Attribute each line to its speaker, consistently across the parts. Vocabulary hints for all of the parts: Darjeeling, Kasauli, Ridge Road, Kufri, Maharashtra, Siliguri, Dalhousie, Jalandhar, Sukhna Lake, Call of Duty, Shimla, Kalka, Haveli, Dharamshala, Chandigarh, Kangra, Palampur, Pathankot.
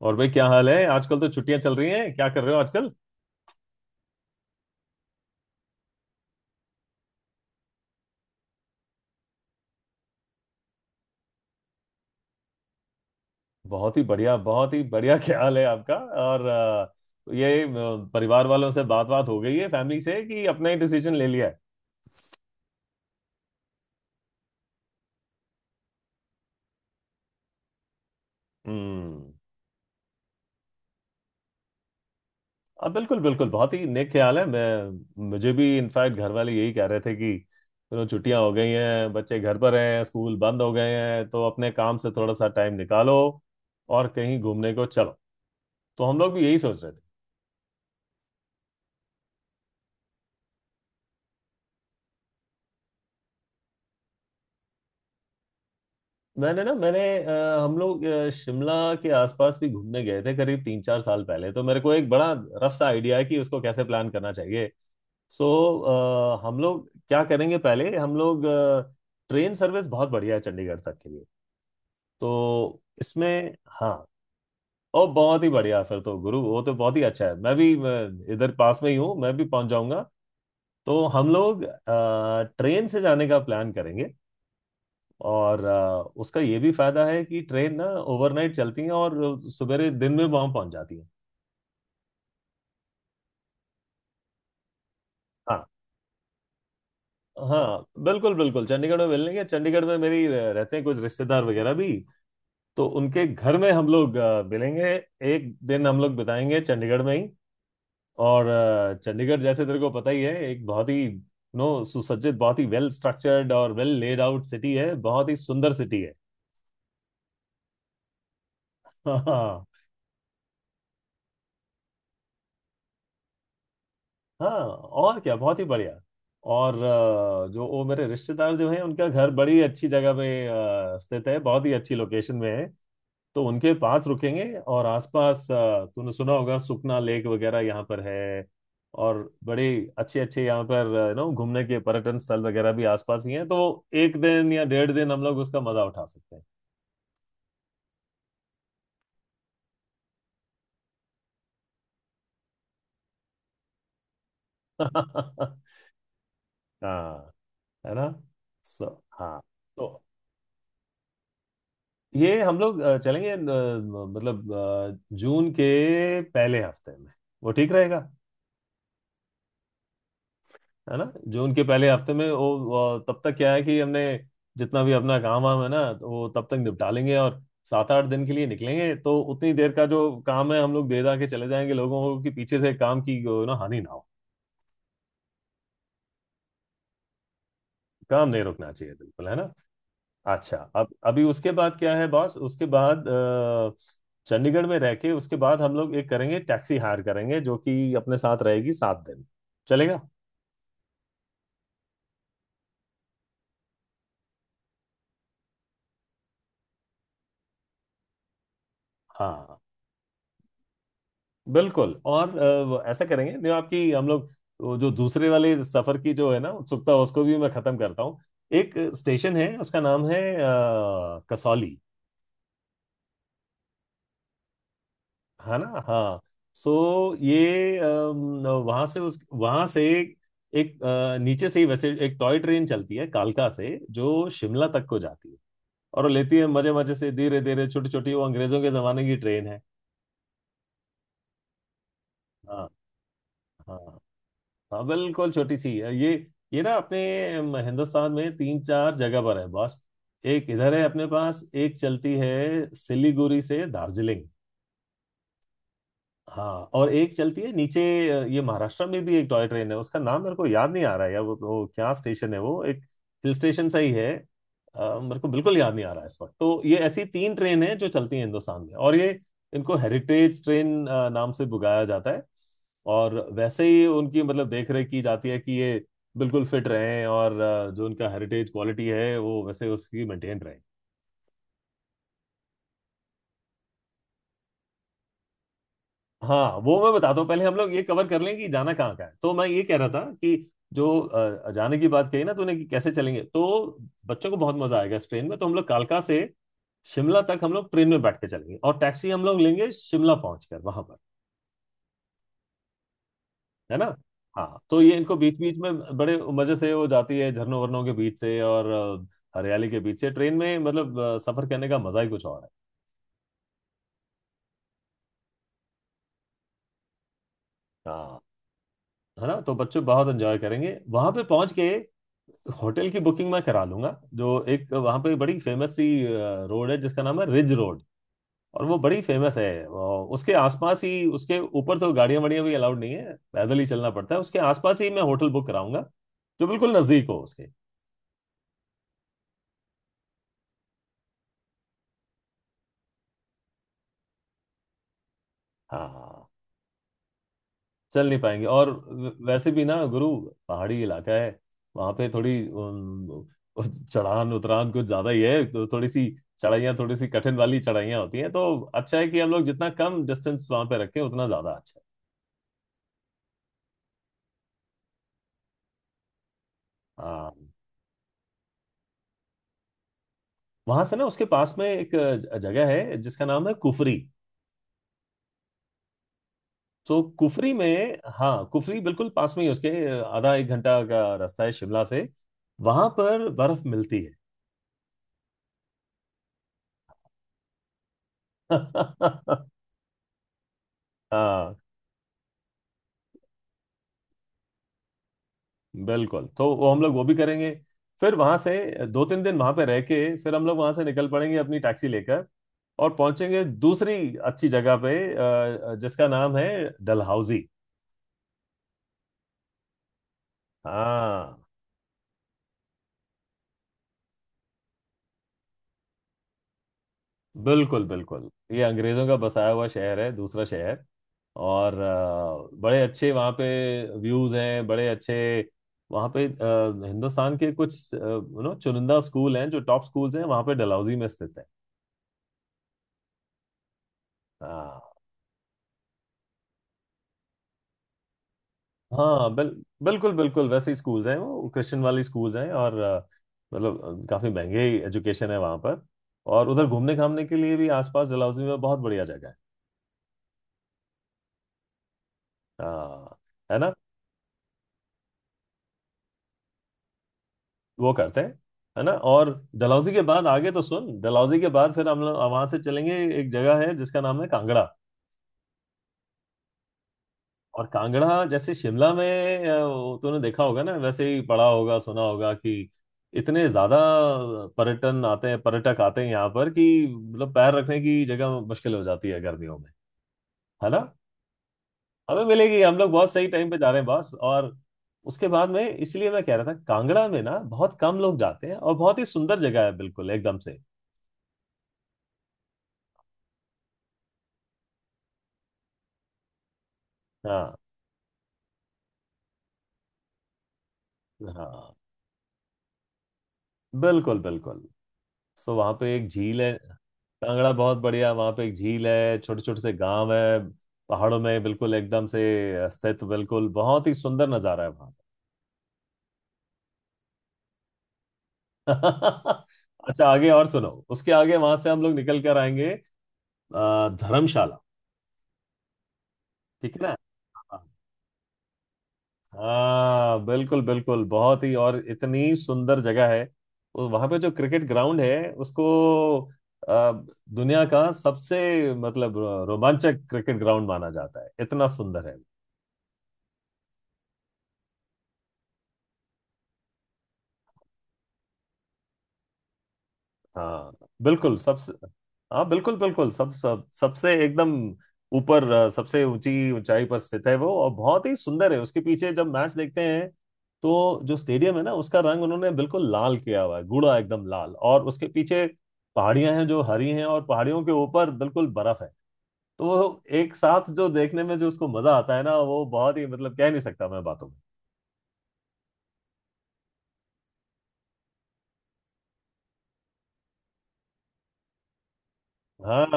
Speaker 1: और भाई क्या हाल है आजकल। तो छुट्टियां चल रही हैं, क्या कर रहे हो आजकल। बहुत ही बढ़िया बहुत ही बढ़िया, क्या हाल है आपका। और ये परिवार वालों से बात बात हो गई है, फैमिली से, कि अपना ही डिसीजन ले लिया है। हम्म। अब बिल्कुल बिल्कुल बहुत ही नेक ख्याल है, मैं मुझे भी इनफैक्ट घर वाले यही कह रहे थे कि चलो छुट्टियां हो गई हैं, बच्चे घर पर हैं, स्कूल बंद हो गए हैं तो अपने काम से थोड़ा सा टाइम निकालो और कहीं घूमने को चलो। तो हम लोग भी यही सोच रहे थे। मैंने हम लोग शिमला के आसपास भी घूमने गए थे करीब तीन चार साल पहले, तो मेरे को एक बड़ा रफ सा आइडिया है कि उसको कैसे प्लान करना चाहिए। सो हम लोग क्या करेंगे, पहले हम लोग ट्रेन सर्विस बहुत बढ़िया है चंडीगढ़ तक के लिए, तो इसमें हाँ। और बहुत ही बढ़िया, फिर तो गुरु वो तो बहुत ही अच्छा है, मैं भी इधर पास में ही हूँ, मैं भी पहुंच जाऊंगा। तो हम लोग ट्रेन से जाने का प्लान करेंगे। और उसका ये भी फायदा है कि ट्रेन ना ओवरनाइट चलती है और सवेरे दिन में वहां पहुंच जाती है। हाँ। हाँ बिल्कुल बिल्कुल, चंडीगढ़ में मिलेंगे। चंडीगढ़ में मेरी रहते हैं कुछ रिश्तेदार वगैरह भी। तो उनके घर में हम लोग मिलेंगे। एक दिन हम लोग बिताएंगे चंडीगढ़ में ही। और चंडीगढ़ जैसे तेरे को पता ही है, एक बहुत ही नो सुसज्जित, बहुत ही वेल स्ट्रक्चर्ड और वेल लेड आउट सिटी है, बहुत ही सुंदर सिटी है। हाँ हाँ। हाँ और क्या, बहुत ही बढ़िया। और जो वो मेरे रिश्तेदार जो हैं उनका घर बड़ी अच्छी जगह पे स्थित है, बहुत ही अच्छी लोकेशन में है। तो उनके पास रुकेंगे और आसपास तूने सुना होगा, सुखना लेक वगैरह यहाँ पर है। और बड़े अच्छे अच्छे यहाँ पर नो घूमने के पर्यटन स्थल वगैरह भी आसपास ही हैं, तो एक दिन या डेढ़ दिन हम लोग उसका मजा उठा सकते हैं। हाँ, है ना। सो हाँ, तो ये हम लोग चलेंगे मतलब जून के पहले हफ्ते में, वो ठीक रहेगा। है ना। जून के पहले हफ्ते में वो तब तक क्या है कि हमने जितना भी अपना काम वाम है ना, तो वो तब तक निपटा लेंगे और सात आठ दिन के लिए निकलेंगे, तो उतनी देर का जो काम है हम लोग दे दा के चले जाएंगे लोगों को, कि पीछे से काम की ना हानि ना हो। काम नहीं रुकना चाहिए बिल्कुल, है ना? अच्छा अब अभी उसके बाद क्या है बॉस, उसके बाद चंडीगढ़ में रह के उसके बाद हम लोग एक करेंगे टैक्सी हायर करेंगे, जो कि अपने साथ रहेगी सात दिन। चलेगा। हाँ बिल्कुल, और वो ऐसा करेंगे, जो आपकी हम लोग वो जो दूसरे वाले सफर की जो है ना उत्सुकता, उसको भी मैं खत्म करता हूँ। एक स्टेशन है, उसका नाम है कसौली, है ना। हाँ। सो ये वहां से एक नीचे से ही वैसे एक टॉय ट्रेन चलती है कालका से, जो शिमला तक को जाती है। और वो लेती है मजे मजे से धीरे धीरे, छोटी छोटी वो अंग्रेजों के जमाने की ट्रेन है। हाँ। हाँ। हाँ बिल्कुल, छोटी सी है ये। ये ना अपने हिंदुस्तान में तीन चार जगह पर है बॉस। एक इधर है अपने पास, एक चलती है सिलीगुड़ी से दार्जिलिंग। हाँ, और एक चलती है नीचे ये महाराष्ट्र में भी एक टॉय ट्रेन है, उसका नाम मेरे को याद नहीं आ रहा है यार, वो क्या स्टेशन है, वो एक हिल स्टेशन सा ही है। मेरे को बिल्कुल याद नहीं आ रहा है इस वक्त। तो ये ऐसी तीन ट्रेन है जो चलती हैं हिंदुस्तान में, और ये इनको हेरिटेज ट्रेन नाम से बुलाया जाता है। और वैसे ही उनकी मतलब देख रेख की जाती है कि ये बिल्कुल फिट रहें, और जो उनका हेरिटेज क्वालिटी है वो वैसे उसकी मेंटेन रहे। हाँ वो मैं बताता हूँ, पहले हम लोग ये कवर कर लें कि जाना कहाँ का है, तो मैं ये कह रहा था कि जो जाने की बात कही ना तूने कि कैसे चलेंगे, तो बच्चों को बहुत मजा आएगा इस ट्रेन में, तो हम लोग कालका से शिमला तक हम लोग ट्रेन में बैठ के चलेंगे, और टैक्सी हम लोग लेंगे शिमला पहुंच कर वहां पर। है ना। हाँ, तो ये इनको बीच बीच में बड़े मजे से वो जाती है झरनों वरनों के बीच से और हरियाली के बीच से। ट्रेन में मतलब सफर करने का मजा ही कुछ और है। हाँ। है ना, तो बच्चे बहुत एंजॉय करेंगे वहां पे पहुंच के। होटल की बुकिंग मैं करा लूंगा, जो एक वहां पे बड़ी फेमस सी रोड है जिसका नाम है रिज रोड। और वो बड़ी फेमस है, उसके आसपास ही, उसके ऊपर तो गाड़ियां वाड़ियां भी अलाउड नहीं है, पैदल ही चलना पड़ता है, उसके आसपास ही मैं होटल बुक कराऊंगा जो बिल्कुल नजदीक हो उसके। हाँ हाँ, चल नहीं पाएंगे। और वैसे भी ना गुरु पहाड़ी इलाका है, वहां पे थोड़ी चढ़ान उतरान कुछ ज्यादा ही है, तो थोड़ी सी चढ़ाइयाँ, थोड़ी सी कठिन वाली चढ़ाइयाँ होती हैं, तो अच्छा है कि हम लोग जितना कम डिस्टेंस वहां पे रखें उतना ज्यादा अच्छा है। आ, वहां से ना उसके पास में एक जगह है जिसका नाम है कुफरी। तो कुफरी में, हाँ कुफरी बिल्कुल पास में ही है उसके, आधा एक घंटा का रास्ता है शिमला से। वहां पर बर्फ मिलती है। हाँ बिल्कुल, तो वो हम लोग वो भी करेंगे। फिर वहां से दो तीन दिन वहां पे रह के फिर हम लोग वहां से निकल पड़ेंगे अपनी टैक्सी लेकर, और पहुंचेंगे दूसरी अच्छी जगह पे जिसका नाम है डलहौजी। हाँ बिल्कुल बिल्कुल, ये अंग्रेजों का बसाया हुआ शहर है, दूसरा शहर। और बड़े अच्छे वहाँ पे व्यूज हैं, बड़े अच्छे। वहाँ पे हिंदुस्तान के कुछ यू नो चुनिंदा स्कूल हैं जो टॉप स्कूल्स हैं वहाँ पे डलहौजी में स्थित है। हाँ। हाँ बिल, बिल्कुल बिल्कुल, वैसे ही स्कूल्स हैं, वो क्रिश्चियन वाली स्कूल्स हैं, और मतलब काफी महंगे एजुकेशन है वहाँ पर। और उधर घूमने घामने के लिए भी आसपास डलहौजी में बहुत बढ़िया जगह है। हाँ, है ना। वो करते हैं, है ना। और डलहौजी के बाद आगे तो सुन, डलहौजी के बाद फिर हम लोग वहां से चलेंगे, एक जगह है जिसका नाम है कांगड़ा। और कांगड़ा जैसे शिमला में वो तूने देखा होगा ना, वैसे ही पढ़ा होगा सुना होगा कि इतने ज्यादा पर्यटन आते हैं, पर्यटक आते हैं यहाँ पर, कि मतलब पैर रखने की जगह मुश्किल हो जाती है गर्मियों में। है ना। हमें मिलेगी, हम लोग बहुत सही टाइम पे जा रहे हैं बस, और उसके बाद में, इसलिए मैं कह रहा था कांगड़ा में ना बहुत कम लोग जाते हैं और बहुत ही सुंदर जगह है बिल्कुल एकदम से। हाँ हाँ बिल्कुल बिल्कुल। सो वहाँ पे एक झील है। कांगड़ा बहुत बढ़िया, वहाँ पे एक झील है, छोटे छोटे से गांव है पहाड़ों में बिल्कुल एकदम से स्थित, बिल्कुल बहुत ही सुंदर नज़ारा है वहाँ का। अच्छा, आगे और सुनो, उसके आगे वहां से हम लोग निकल कर आएंगे धर्मशाला, ठीक है ना। हाँ बिल्कुल बिल्कुल, बहुत ही और इतनी सुंदर जगह है। वहां पे जो क्रिकेट ग्राउंड है उसको अ, दुनिया का सबसे मतलब रोमांचक क्रिकेट ग्राउंड माना जाता है, इतना सुंदर है। हाँ बिल्कुल सबसे, हाँ बिल्कुल बिल्कुल, सब सब सबसे एकदम ऊपर, सबसे ऊंची ऊंचाई पर स्थित है वो, और बहुत ही सुंदर है। उसके पीछे जब मैच देखते हैं तो जो स्टेडियम है ना उसका रंग उन्होंने बिल्कुल लाल किया हुआ है, गूढ़ा एकदम लाल, और उसके पीछे पहाड़ियां हैं जो हरी हैं, और पहाड़ियों के ऊपर बिल्कुल बर्फ है। तो वो एक साथ जो देखने में जो उसको मजा आता है ना, वो बहुत ही मतलब कह नहीं सकता मैं बातों में। हाँ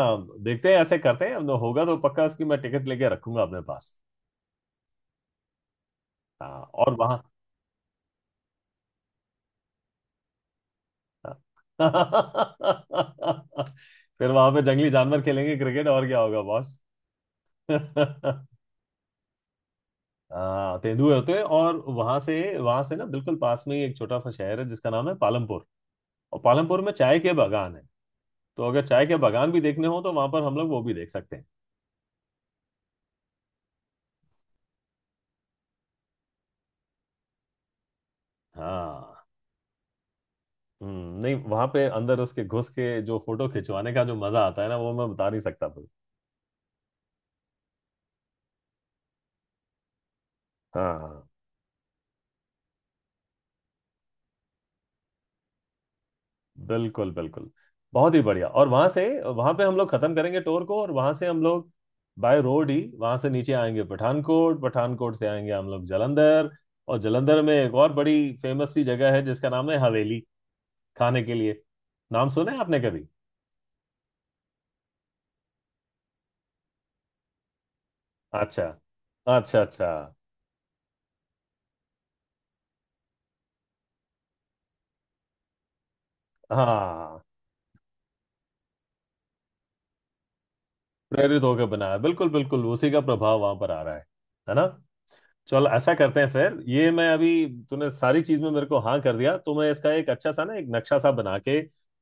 Speaker 1: देखते हैं, ऐसे करते हैं, होगा तो पक्का इसकी मैं टिकट लेके रखूंगा अपने पास। हाँ। और वहां फिर वहां पे जंगली जानवर खेलेंगे क्रिकेट, और क्या होगा बॉस। हाँ, तेंदुए होते हैं। और वहां से ना बिल्कुल पास में ही एक छोटा सा शहर है जिसका नाम है पालमपुर। और पालमपुर में चाय के बागान है। तो अगर चाय के बागान भी देखने हो तो वहां पर हम लोग वो भी देख सकते हैं। हाँ हम्म, नहीं वहां पे अंदर उसके घुस के जो फोटो खिंचवाने का जो मजा आता है ना, वो मैं बता नहीं सकता फिर। हाँ हाँ। बिल्कुल बिल्कुल, बहुत ही बढ़िया। और वहां से, वहां पे हम लोग खत्म करेंगे टूर को, और वहां से हम लोग बाय रोड ही वहां से नीचे आएंगे पठानकोट, पठानकोट से आएंगे हम लोग जालंधर। और जालंधर में एक और बड़ी फेमस सी जगह है, जिसका नाम है हवेली, खाने के लिए। नाम सुने आपने कभी? अच्छा अच्छा अच्छा। हाँ प्रेरित होकर बनाया, बिल्कुल बिल्कुल, उसी का प्रभाव वहां पर आ रहा है ना। चल ऐसा करते हैं फिर, ये मैं अभी तूने सारी चीज में मेरे को हाँ कर दिया, तो मैं इसका एक अच्छा सा ना एक नक्शा सा बना के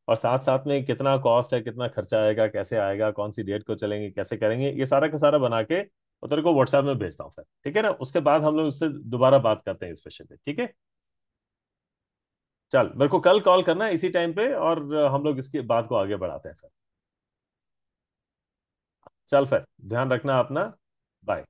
Speaker 1: और साथ साथ में कितना कॉस्ट है, कितना खर्चा आएगा, कैसे आएगा, कौन सी डेट को चलेंगे, कैसे करेंगे, ये सारा का सारा बना के और तेरे को व्हाट्सएप में भेजता हूँ फिर, ठीक है ना। उसके बाद हम लोग उससे दोबारा बात करते हैं इस विषय पे, ठीक है। चल मेरे को कल कॉल करना है इसी टाइम पे, और हम लोग इसकी बात को आगे बढ़ाते हैं फिर। चल फिर, ध्यान रखना अपना। बाय।